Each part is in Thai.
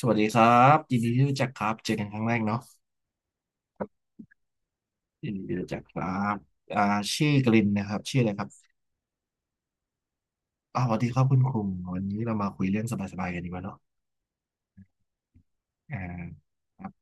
สวัสดีครับยินดีที่รู้จักครับเจอกันครั้งแรกเนาะยินดีที่รู้จักครับอ่าชื่อกลินนะครับชื่ออะไรครับอ๋อสวัสดีครับคุณคุงวันนี้เรามาคุยเรื่องสบายๆกันดีกว่าเนาะอ่าครับ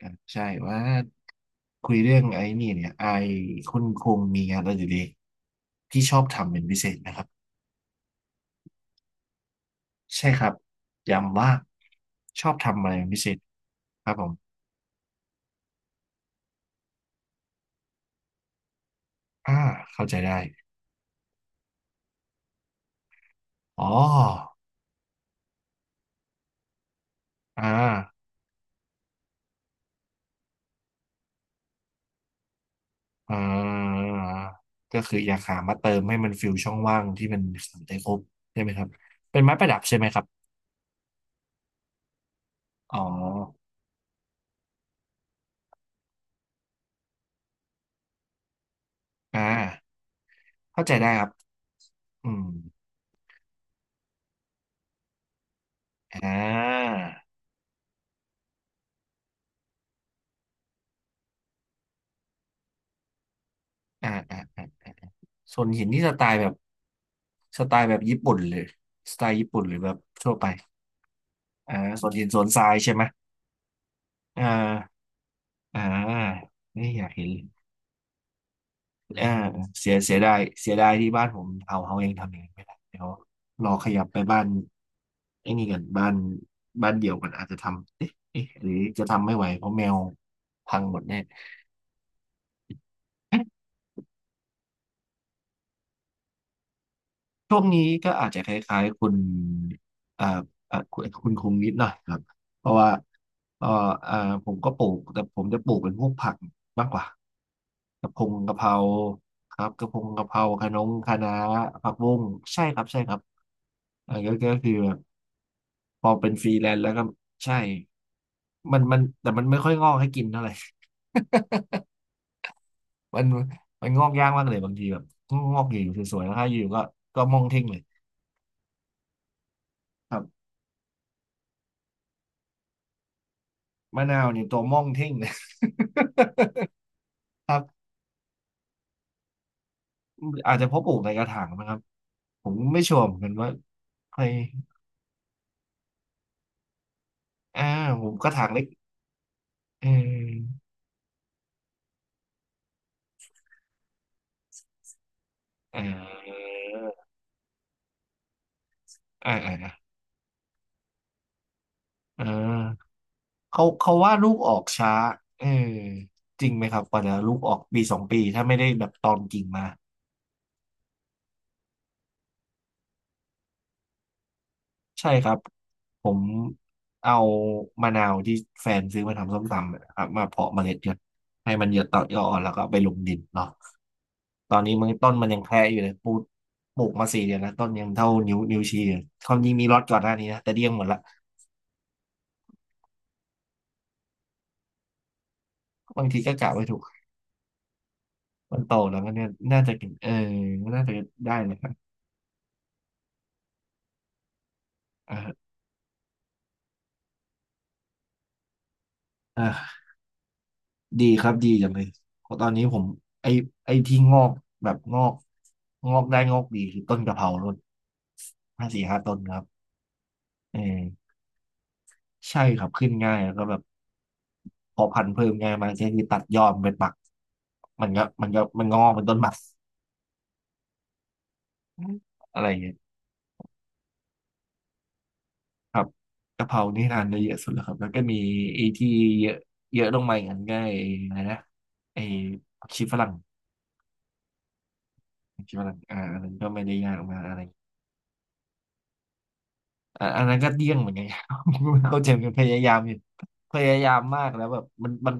อ่าใช่ว่าคุยเรื่องไอ้นี่เนี่ยไอ้คุณคุงมีงานอดิเรกที่ชอบทำเป็นพิเศษนะครับใช่ครับย้ำว่าชอบทำอะไรเป็นพิเศษครับผมอ่าเข้าใจได้อ๋ออ่า อ่าก็คืออยากหามาเติมให้มันฟิลช่องว่างที่มันขาดได้ครบใช่ไหมครับเป็นไม้ประดับใช่ไหมครับอ๋ออ่าเข้าใจได้ครับอืมอ่าอ่าอ่าอ่าส่วนหินที่สไตล์แบบสไตล์แบบญี่ปุ่นเลยสไตล์ญี่ปุ่นหรือแบบทั่วไปอ่าส่วนหินส่วนทรายใช่ไหมอ่าอ่านี่อยากเห็น อ่าเสียดายเสียดายที่บ้านผมเอาเขาเองทำเอย่างนั้นไม่ได้เดี๋ยวรอขยับไปบ้านไอ้นี่กันบ้านบ้านเดี่ยวกันอาจจะทำเอ๊ะเอ๊ะหรือจะทำไม่ไหวเพราะแมวพังหมดแน่ ช่วงนี้ก็อาจจะคล้ายๆคุณเอ่อคุณคงนิดหน่อยครับ เพราะว่าเอ่อเอ่อผมก็ปลูกแต่ผมจะปลูกเป็นพวกผักมากกว่ากะเพงกะเพราครับกะเพงกะเพราคะน้งคะน้าผักบุ้งใช่ครับใช่ครับก็คือแบบพอเป็นฟรีแลนซ์แล้วก็ใช่มันแต่มันไม่ค่อยงอกให้กินเท่าไหร่ มันมันงอกยากมากเลยบางทีแบบงอกอยู่สวยๆแล้วถ้าอยู่ก็มองทิ้งเลยครับ มะนาวเนี่ยตัวม่องเท่ง ครับอาจจะเพราะปลูกในกระถางนะครับผมไม่ชัวร์เหมือนกันว่าใครอ่าผมกระถางเล็กเอออ่าอ่าอ่าอ่าเขาว่าลูกออกช้าเออจริงไหมครับกว่าจะลูกออกปีสองปีถ้าไม่ได้แบบตอนกิ่งมา ใช่ครับผมเอามะนาวที่แฟนซื้อมาทำส้มตำนะครับมาเพาะเมล็ดกันให้มันเหยอะต่อยอดแล้วก็เอาไปลงดินเนาะตอนนี้มันต้นมันยังแค่อยู่เลยปลูกมา4 เดือนแล้วต้นยังเท่านิ้วชี้เลยความจริงมีรอดก่อนหน้านี้นะแต่เดี้ยงหมดละบางทีก็กะไว้ถูกมันโตแล้วก็เนี่ยน่าจะกินเออน่าจะได้นะครับอ่าอ่า ดีครับดีจังเลยเพราะตอนนี้ผมไอไอที่งอกแบบงอกได้งอกดีคือต้นกะเพราต้นห้าต้นครับเออใช่ครับขึ้นง่ายแล้วก็แบบพอพันธุ์เพิ่มง่ายมากใช่คือตัดยอดมันเป็นปักมันก็มันงอกเป็นต้นบักอะไรอย่างเงี้ยครับกะเพรานี่ทานได้เยอะสุดแล้วครับแล้วก็มีไอ้ที่เยอะเยอะลงมาอย่างนั้นก็ไอ้อะไรนะไอ้ผักชีฝรั่งผักชีฝรั่งอันนั้นก็ไม่ได้ยากมากอะไร อ่ะอันนั้นก็เดี้ยงเหมือนกัน ครับ เข้าใจมกันพยายามอยู่พยายามมากแล้วแบบมัน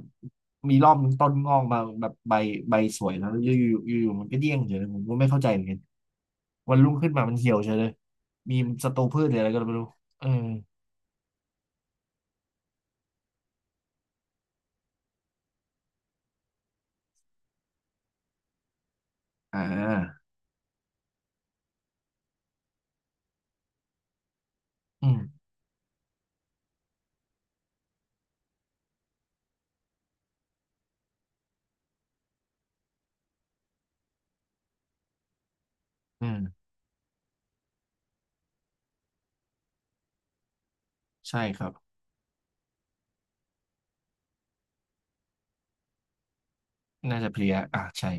มีรอบหนึงต้นงอกมาแบบใบสวยแล้วอยู่มันก็เดี้ยงเฉยเลยผมก็ไม่เข้าใจเหมือนกันวันรุ่งขึ้นมามันเหี่ยวเฉยเลยมีศัตรูพืชหรืออะไรก็ไม่รู้เอออ่าอืมอืมใช่ครับน่าจะเพลียอ่ะใช่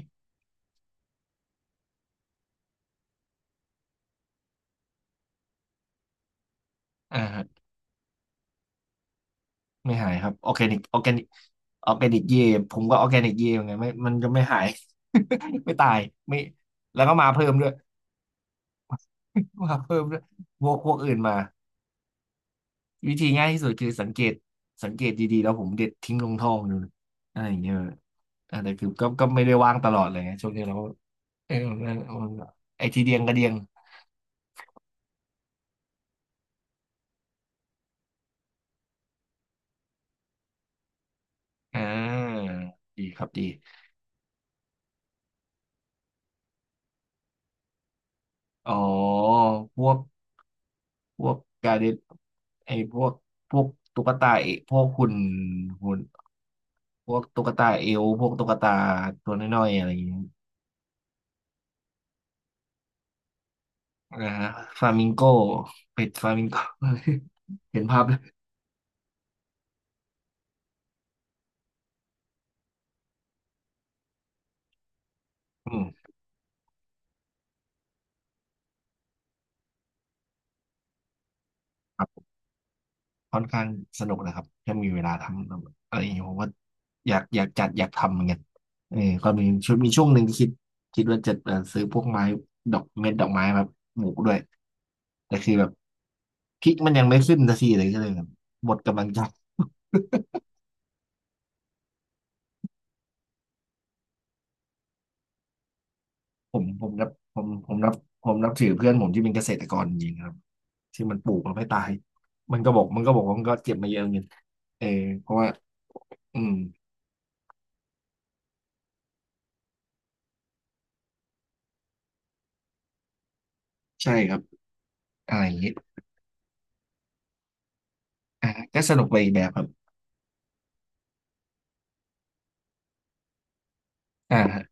อ่าฮะไม่หายครับออร์แกนิกออร์แกนิกออร์แกนิกเยผมก็ออร์แกนิกเยเหมือนกันไม่มันก็ไม่หาย ไม่ตายไม่แล้วก็มาเพิ่มด้วย ว่าเพิ่มด้วยพวกอื่นมาวิธีง่ายที่สุดคือสังเกตดีๆแล้วผมเด็ดทิ้งลงท่อดูอะไรอย่างเงี้ยแต่คือก็ไม่ได้ว่างตลอดเลยไงช่วงนี้เราก็เออมันไอทีเดียงกระเดียงอ่าดีครับดีอ๋อพวกพวกการเดนไอพวกตุ๊กตาเอพวกหุ่นพวกตุ๊กตาเอวพวกตุ๊กตาตัวน้อยๆอะไรอย่างเงี้ย นะฮะฟลามิงโกเป็ดฟลามิงโก เห็นภาพเลยอืมครับค่อนข้างสนุกนะครับถ้ามีเวลาทำอะไรอย่างเงี้ยผมว่าอยากจัดอยากทำเหมือนกันเออก็มีช่วงหนึ่งคิดว่าจะซื้อพวกไม้ดอกเม็ดดอกไม้แบบปลูกด้วยแต่คือแบบพริกมันยังไม่ขึ้นสักทีเลยก็เลยแบบหมดกำลังใจ ผมผมนับผมผมนับผมนับถือเพื่อนผมที่เป็นเกษตรกรจริงๆครับที่มันปลูกมันไม่ตายมันก็บอกว่ามันก็เจ็บมาเยอะเงินเออเพราะว่าอืมใช่ครับอะไรอย่างงี้อ่าก็สนุกไปอีกแบบครับอ่าฮะ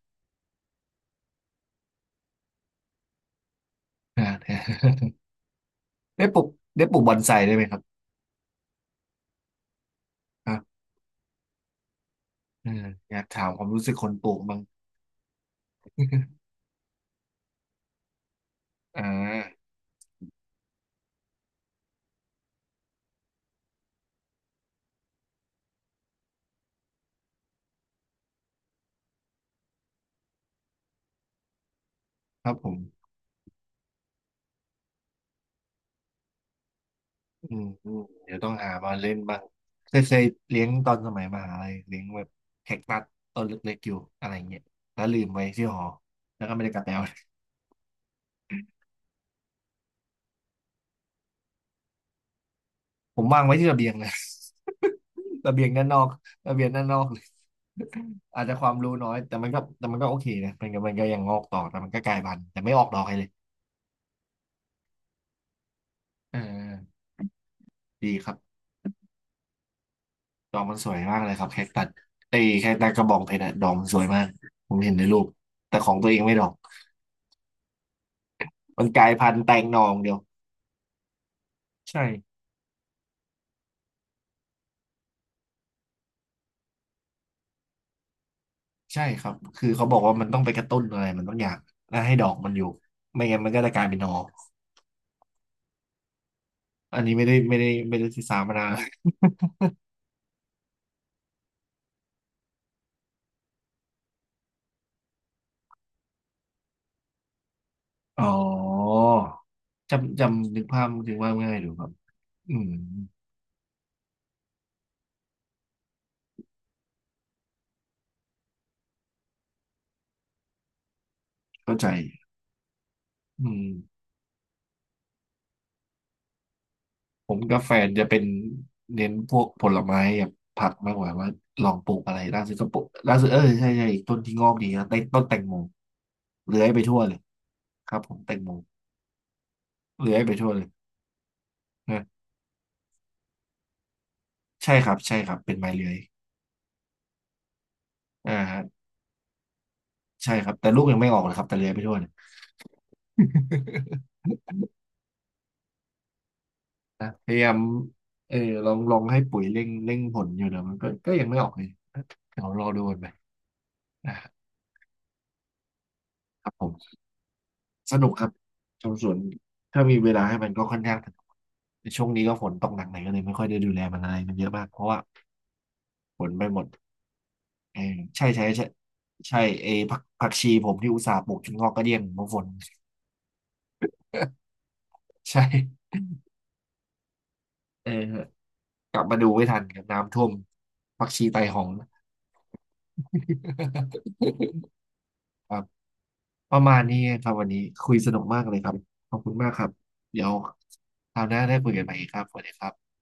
อ่า ได้ปลูกได้ปลูกบอนไซได้วยไหมครับอ่าเอออยากถามความรู้สึกคนปลูกบ้าง อ่าครับผม อืมอืมเดี๋ยวต้องหามาเล่นบ้างเคยเลี้ยงตอนสมัยมหาลัยเลี้ยงแบบแคคตัสต้นเล็กๆอยู่อะไรเงี้ยแล้วลืมไว้ที่หอแล้วก็ไม่ได้กลับไปเอาผมวางไว้ที่ระเบียงเลย ระเบียงด้านนอกระเบียงด้านนอกเลยอาจจะความรู้น้อยแต่มันก็โอเคนะมันก็ยังงอกต่อแต่มันก็กลายพันธุ์แต่ไม่ออกดอกให้เลยเออดีครับดอกมันสวยมากเลยครับแคคตัสไอ้ยแคคตัสกระบองเพชรอะดอกมันสวยมากผมเห็นในรูปแต่ของตัวเองไม่ดอกมันกลายพันธุ์แตงหน่ออย่างเดียว ใช่ใช่ครับคือเขาบอกว่ามันต้องไปกระตุ้นอะไรมันต้องอยากล้วให้ดอกมันอยู่ไม่งั้นมันก็จะกลายเป็นนออันนี้ไม่ได้ศึกษามานาน อ๋อจำนึกภาพถึงว่าง่ายดูครับอืมเข้าใจอืมผมกับแฟนจะเป็นเน้นพวกผลไม้กับผักมากกว่าว่าลองปลูกอะไรล่าสุดก็ปลูกล่าสุดเออใช่ใช่ต้นที่งอกดีนะต้นแตงโมเลื้อยไปทั่วเลยครับผมแตงโมเลื้อยไปทั่วเลยนะใช่ครับเป็นไม้เลื้อยอ่า ใช่ครับแต่ลูกยังไม่ออกนะครับแต่เลื้อยไปทั่วเนี่ย นะพยายามเออลองให้ปุ๋ยเร่งผลอยู่นะมันก็ยังไม่ออกเลยเดี๋ยวรอดูกันไปนะครับผมสนุกครับชมสวนถ้ามีเวลาให้มันก็ค่อนข้างสนุกแต่ช่วงนี้ก็ฝนตกหนักหน่อยก็เลยไม่ค่อยได้ดูแลมันอะไรมันเยอะมากเพราะว่าฝนไปหมดเออใช่ใช่ใช่ใช่เอผักผักชีผมที่อุตส่าห์ปลูกจนงอกกระเดี้ยงเพราะฝน ใช่เออกลับมาดูไม่ทันครับน้ำท่วมผักชีไตหง ครับประมาณนี้ครับวันนี้คุยสนุกมากเลยครับขอบคุณมากครับเดี๋ยวคราวหน้าได้คุยกันใหม่อีกครับสวัสดีครับ